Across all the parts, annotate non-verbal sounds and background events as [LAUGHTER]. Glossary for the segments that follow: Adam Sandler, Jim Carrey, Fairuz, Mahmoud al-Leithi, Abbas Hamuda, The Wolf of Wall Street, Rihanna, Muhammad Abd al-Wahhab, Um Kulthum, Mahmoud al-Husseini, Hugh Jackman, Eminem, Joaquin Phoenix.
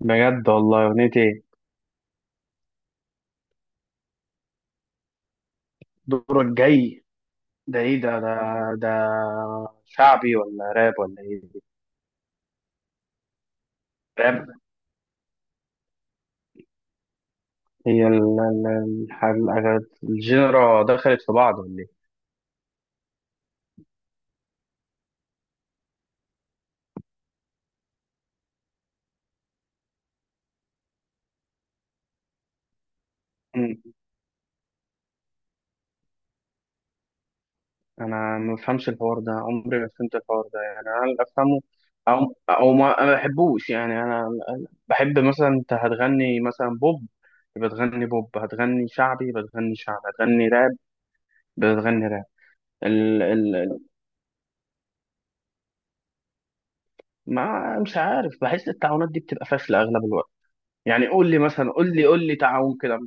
بجد والله أغنية إيه؟ دورك جاي. ده إيه ده شعبي ولا راب ولا إيه دي؟ راب. هي الجنرا دخلت في بعض ولا إيه؟ مم. أنا ما بفهمش الحوار ده، عمري ما فهمت الحوار ده. يعني أنا اللي أفهمه، أو ما بحبوش. يعني أنا بحب مثلا، أنت هتغني مثلا بوب يبقى تغني بوب، هتغني شعبي يبقى تغني شعبي، هتغني راب يبقى تغني راب. ال ال ما مش عارف، بحس التعاونات دي بتبقى فاشلة أغلب الوقت. يعني قول لي مثلا، قول لي تعاون كده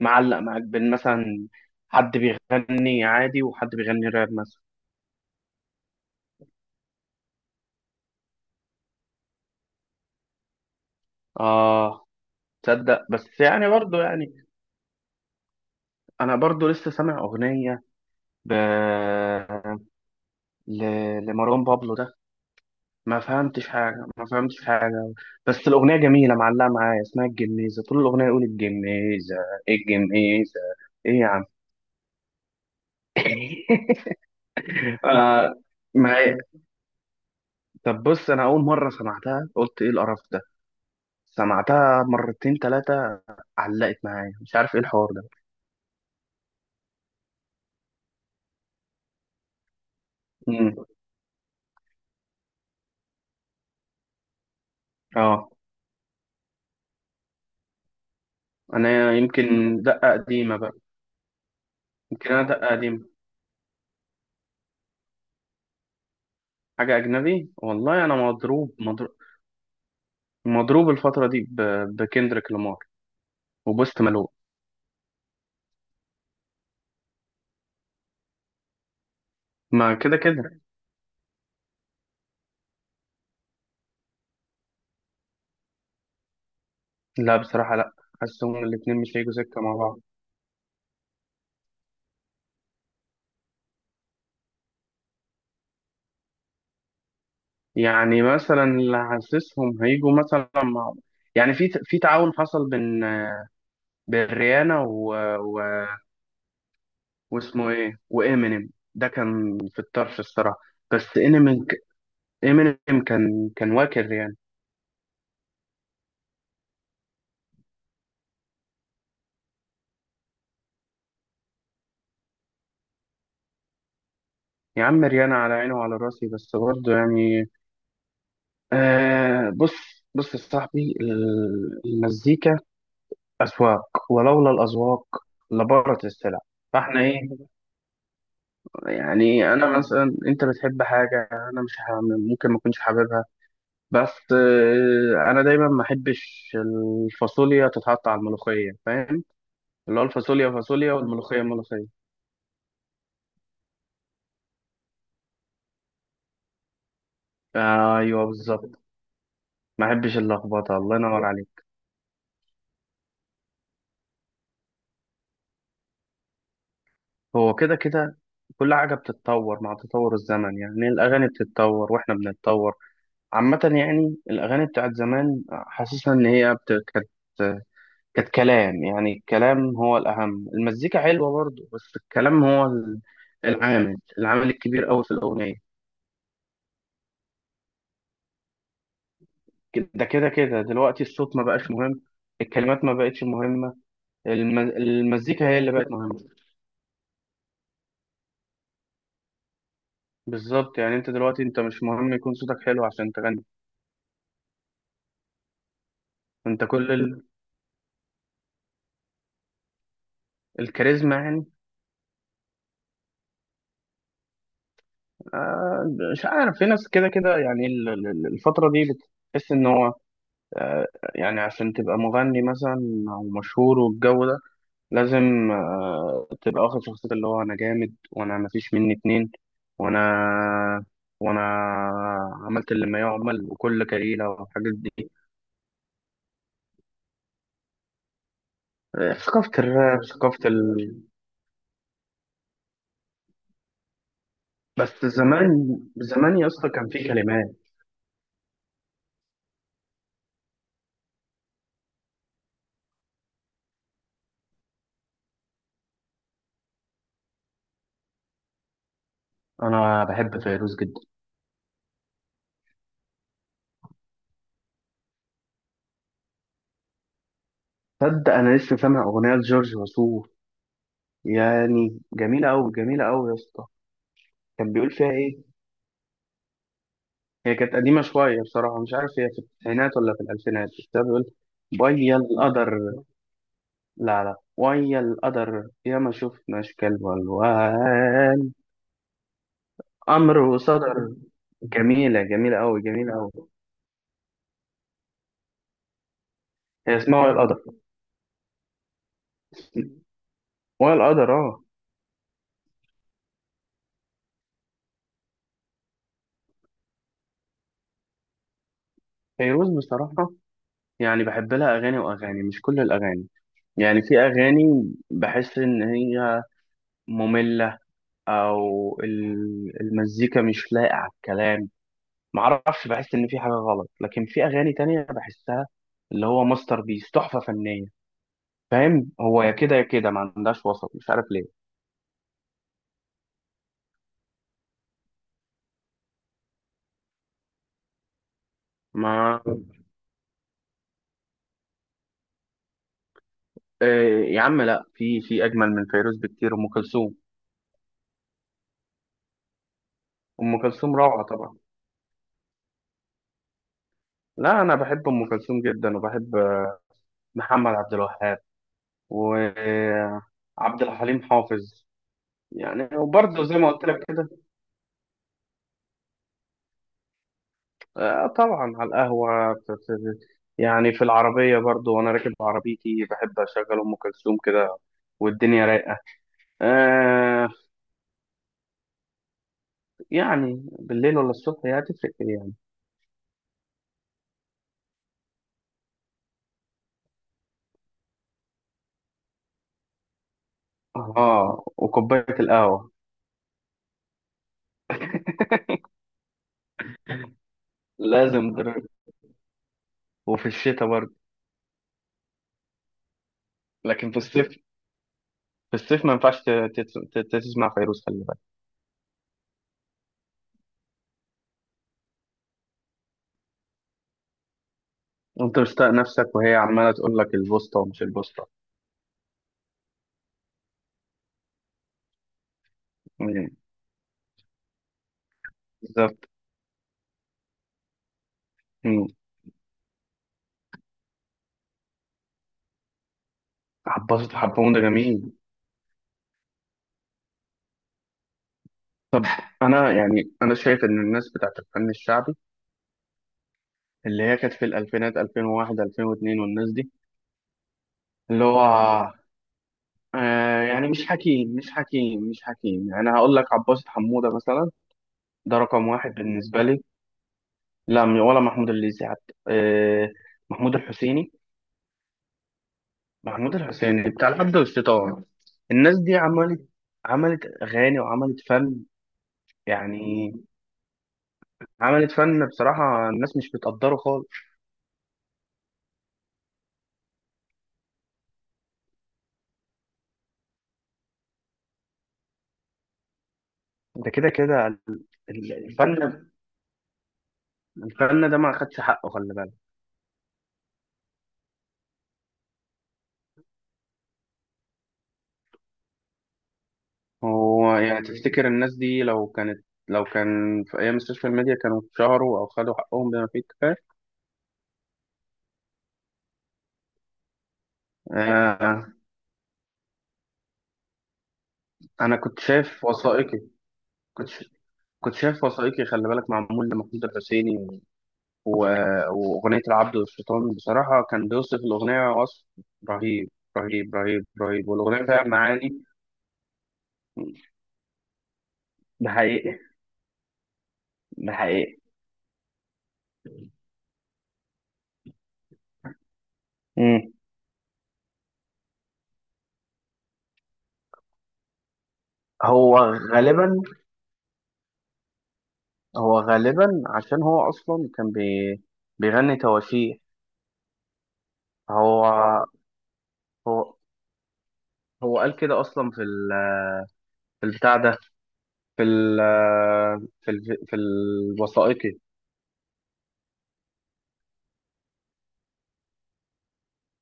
معلق معاك بين مثلا حد بيغني عادي وحد بيغني راب مثلا. اه. تصدق، بس يعني برضه يعني انا برضه لسه سامع اغنيه ب... ل... لمروان بابلو ده، ما فهمتش حاجه ما فهمتش حاجه. بس الاغنيه جميله معلقه معايا، اسمها الجميزه، طول الاغنيه يقول الجميزه الجميزه. ايه يا عم. [LAUGHS] آه. ما طب بص، انا اول مره سمعتها قلت ايه القرف ده. سمعتها مرتين تلاتة علقت معايا، مش عارف ايه الحوار ده. امم. اه. انا يمكن دقة قديمة بقى. يمكن انا دقة قديمة. حاجة اجنبي، والله انا مضروب مضروب، مضروب الفترة دي بكندريك لامار وبوست مالون. ما كده كده. لا بصراحة لا، حاسسهم الاتنين مش هيجوا سكة مع بعض. يعني مثلا اللي حاسسهم هيجوا مثلا مع، يعني في تعاون حصل بين، بين ريانا واسمه ايه وامينيم، ده كان في الطرش الصراحه. بس امينيم، امينيم كان واكل ريان. يا عم ريان على عيني وعلى راسي، بس برضه يعني آه. بص بص يا صاحبي، المزيكا اذواق، ولولا الاذواق لبارت السلع. فاحنا ايه يعني، انا مثلا، انت بتحب حاجه انا مش ممكن ما اكونش حاببها. بس آه، انا دايما ما احبش الفاصوليا تتحط على الملوخيه، فاهم. اللي هو الفاصوليا فاصوليا والملوخية ملوخية. ايوه بالظبط، ما احبش اللخبطة، الله ينور عليك. هو كده كده، كل حاجة بتتطور مع تطور الزمن. يعني الأغاني بتتطور وإحنا بنتطور. عامة يعني الأغاني بتاعت زمان حاسسها إن هي كانت، كلام. يعني الكلام هو الأهم، المزيكا حلوة برضه بس الكلام هو العامل الكبير أوي في الأغنية. ده كده كده، دلوقتي الصوت ما بقاش مهم، الكلمات ما بقتش مهمة. المزيكا هي اللي بقت مهمة. بالظبط، يعني انت دلوقتي انت مش مهم يكون صوتك حلو عشان تغني. انت كل الكاريزما يعني. آه مش عارف، في ناس كده كده يعني الفترة دي بتحس ان هو آه يعني عشان تبقى مغني مثلا، او مشهور والجو ده، لازم تبقى واخد شخصية اللي هو انا جامد وانا مفيش مني اتنين، وانا وانا عملت اللي ما يعمل وكل كريلة والحاجات دي. آه، ثقافة الراب، ثقافة بس زمان زمان يا اسطى كان في كلمات. انا بحب فيروز جدا. تصدق انا لسه سامع اغنيه لجورج وسوف، يعني جميله قوي جميله قوي يا اسطى. كان بيقول فيها ايه؟ هي كانت قديمه شويه بصراحه، مش عارف هي في التسعينات ولا في الالفينات، بس هي بيقول ويا القدر. لا لا، ويا القدر يا ما شفناش كلب والوان، امر صدر. جميله جميله قوي جميله قوي. هي اسمها ويا القدر، ويا القدر اه. فيروز بصراحه يعني بحب لها اغاني واغاني، مش كل الاغاني. يعني في أغاني بحس إن هي مملة، أو المزيكا مش لايقة على الكلام. معرفش، بحس إن في حاجة غلط. لكن في أغاني تانية بحسها اللي هو ماستر بيس تحفة فنية. فاهم، هو يا كده يا كده، ما عندهاش وسط مش عارف ليه. ما آه، يا عم لا، في أجمل من فيروز بكتير، أم كلثوم. أم كلثوم روعة طبعا. لا أنا بحب أم كلثوم جدا، وبحب محمد عبد الوهاب وعبد الحليم حافظ. يعني وبرضه زي ما قلت لك كده. آه طبعا، على القهوة يعني في العربية برضه، وأنا راكب عربيتي بحب أشغل أم كلثوم كده والدنيا رايقة. آه، يعني بالليل ولا الصبح، هي هتفرق إيه يعني؟ آه وكوباية القهوة. لازم در- وفي الشتاء برضه. لكن في الصيف، في الصيف ما ينفعش تسمع فيروز، خلي بالك. أنت مشتاق نفسك وهي عمالة تقول لك البوسطة ومش البوسطة. مم. بالظبط. مم. حبوش حبهم ده جميل. انا يعني، انا شايف ان الناس بتاعت الفن الشعبي، اللي هي كانت في الالفينات 2001 2002، والناس دي اللي هو آه. يعني مش حكيم مش حكيم مش حكيم، يعني انا هقول لك عباس حمودة مثلا، ده رقم واحد بالنسبة لي. لا ولا محمود الليثي حتى، آه. محمود الحسيني، محمود الحسيني بتاع العبد والشيطان. الناس دي عملت اغاني وعملت فن يعني. عملت فن بصراحة، الناس مش بتقدره خالص. ده كده كده. الفن الفن ده ما أخدش حقه خلي بالك. هو يعني تفتكر الناس دي لو كانت، لو كان في أيام السوشيال ميديا كانوا اتشهروا أو خدوا حقهم بما فيه الكفاية؟ آه. أنا كنت شايف وثائقي، كنت ش- كنت شايف وثائقي خلي بالك، معمول لمحمود الحسيني و- وأغنية العبد والشيطان، بصراحة كان بيوصف الأغنية وصف رهيب، رهيب رهيب رهيب، والأغنية فيها معاني. ده حقيقي. ده حقيقي. مم. هو غالبا، هو غالبا عشان هو اصلا كان بيغني تواشيح. هو هو هو قال كده اصلا في في البتاع ده، في في الوثائقي،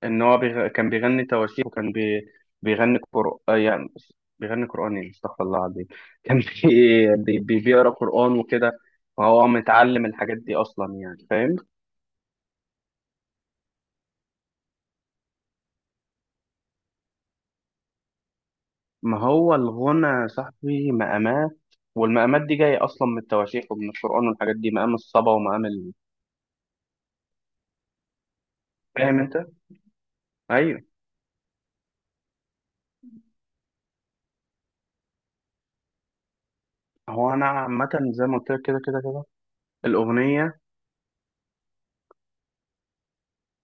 ان هو كان بيغني تواشيح، وكان بيغني قرآن يعني. بيغني قرآن ايه، استغفر الله العظيم. [LAUGHS] كان بيقرا قرآن وكده. فهو متعلم الحاجات دي اصلا، يعني فاهم. ما هو الغنى يا صاحبي مقامات، والمقامات دي جاية أصلا من التواشيح ومن القرآن والحاجات دي، مقام الصبا ومقام فاهم أنت؟ أيوه. هو أنا عامة زي ما قلت لك كده كده كده. الأغنية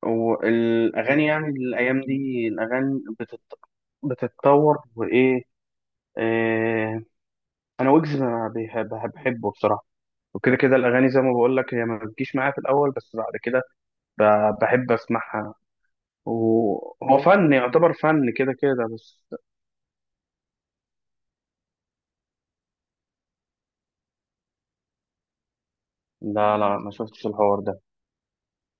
والأغاني، يعني الأيام دي الأغاني بتتطور وإيه، إيه... أنا ويجز ما بيح- بح- بحبه بصراحة. وكده كده الأغاني زي ما بقول لك هي ما بتجيش معايا في الأول، بس بعد كده ب... بحب أسمعها، وهو فن يعتبر فن كده كده بس. لا لا، ما شفتش الحوار ده.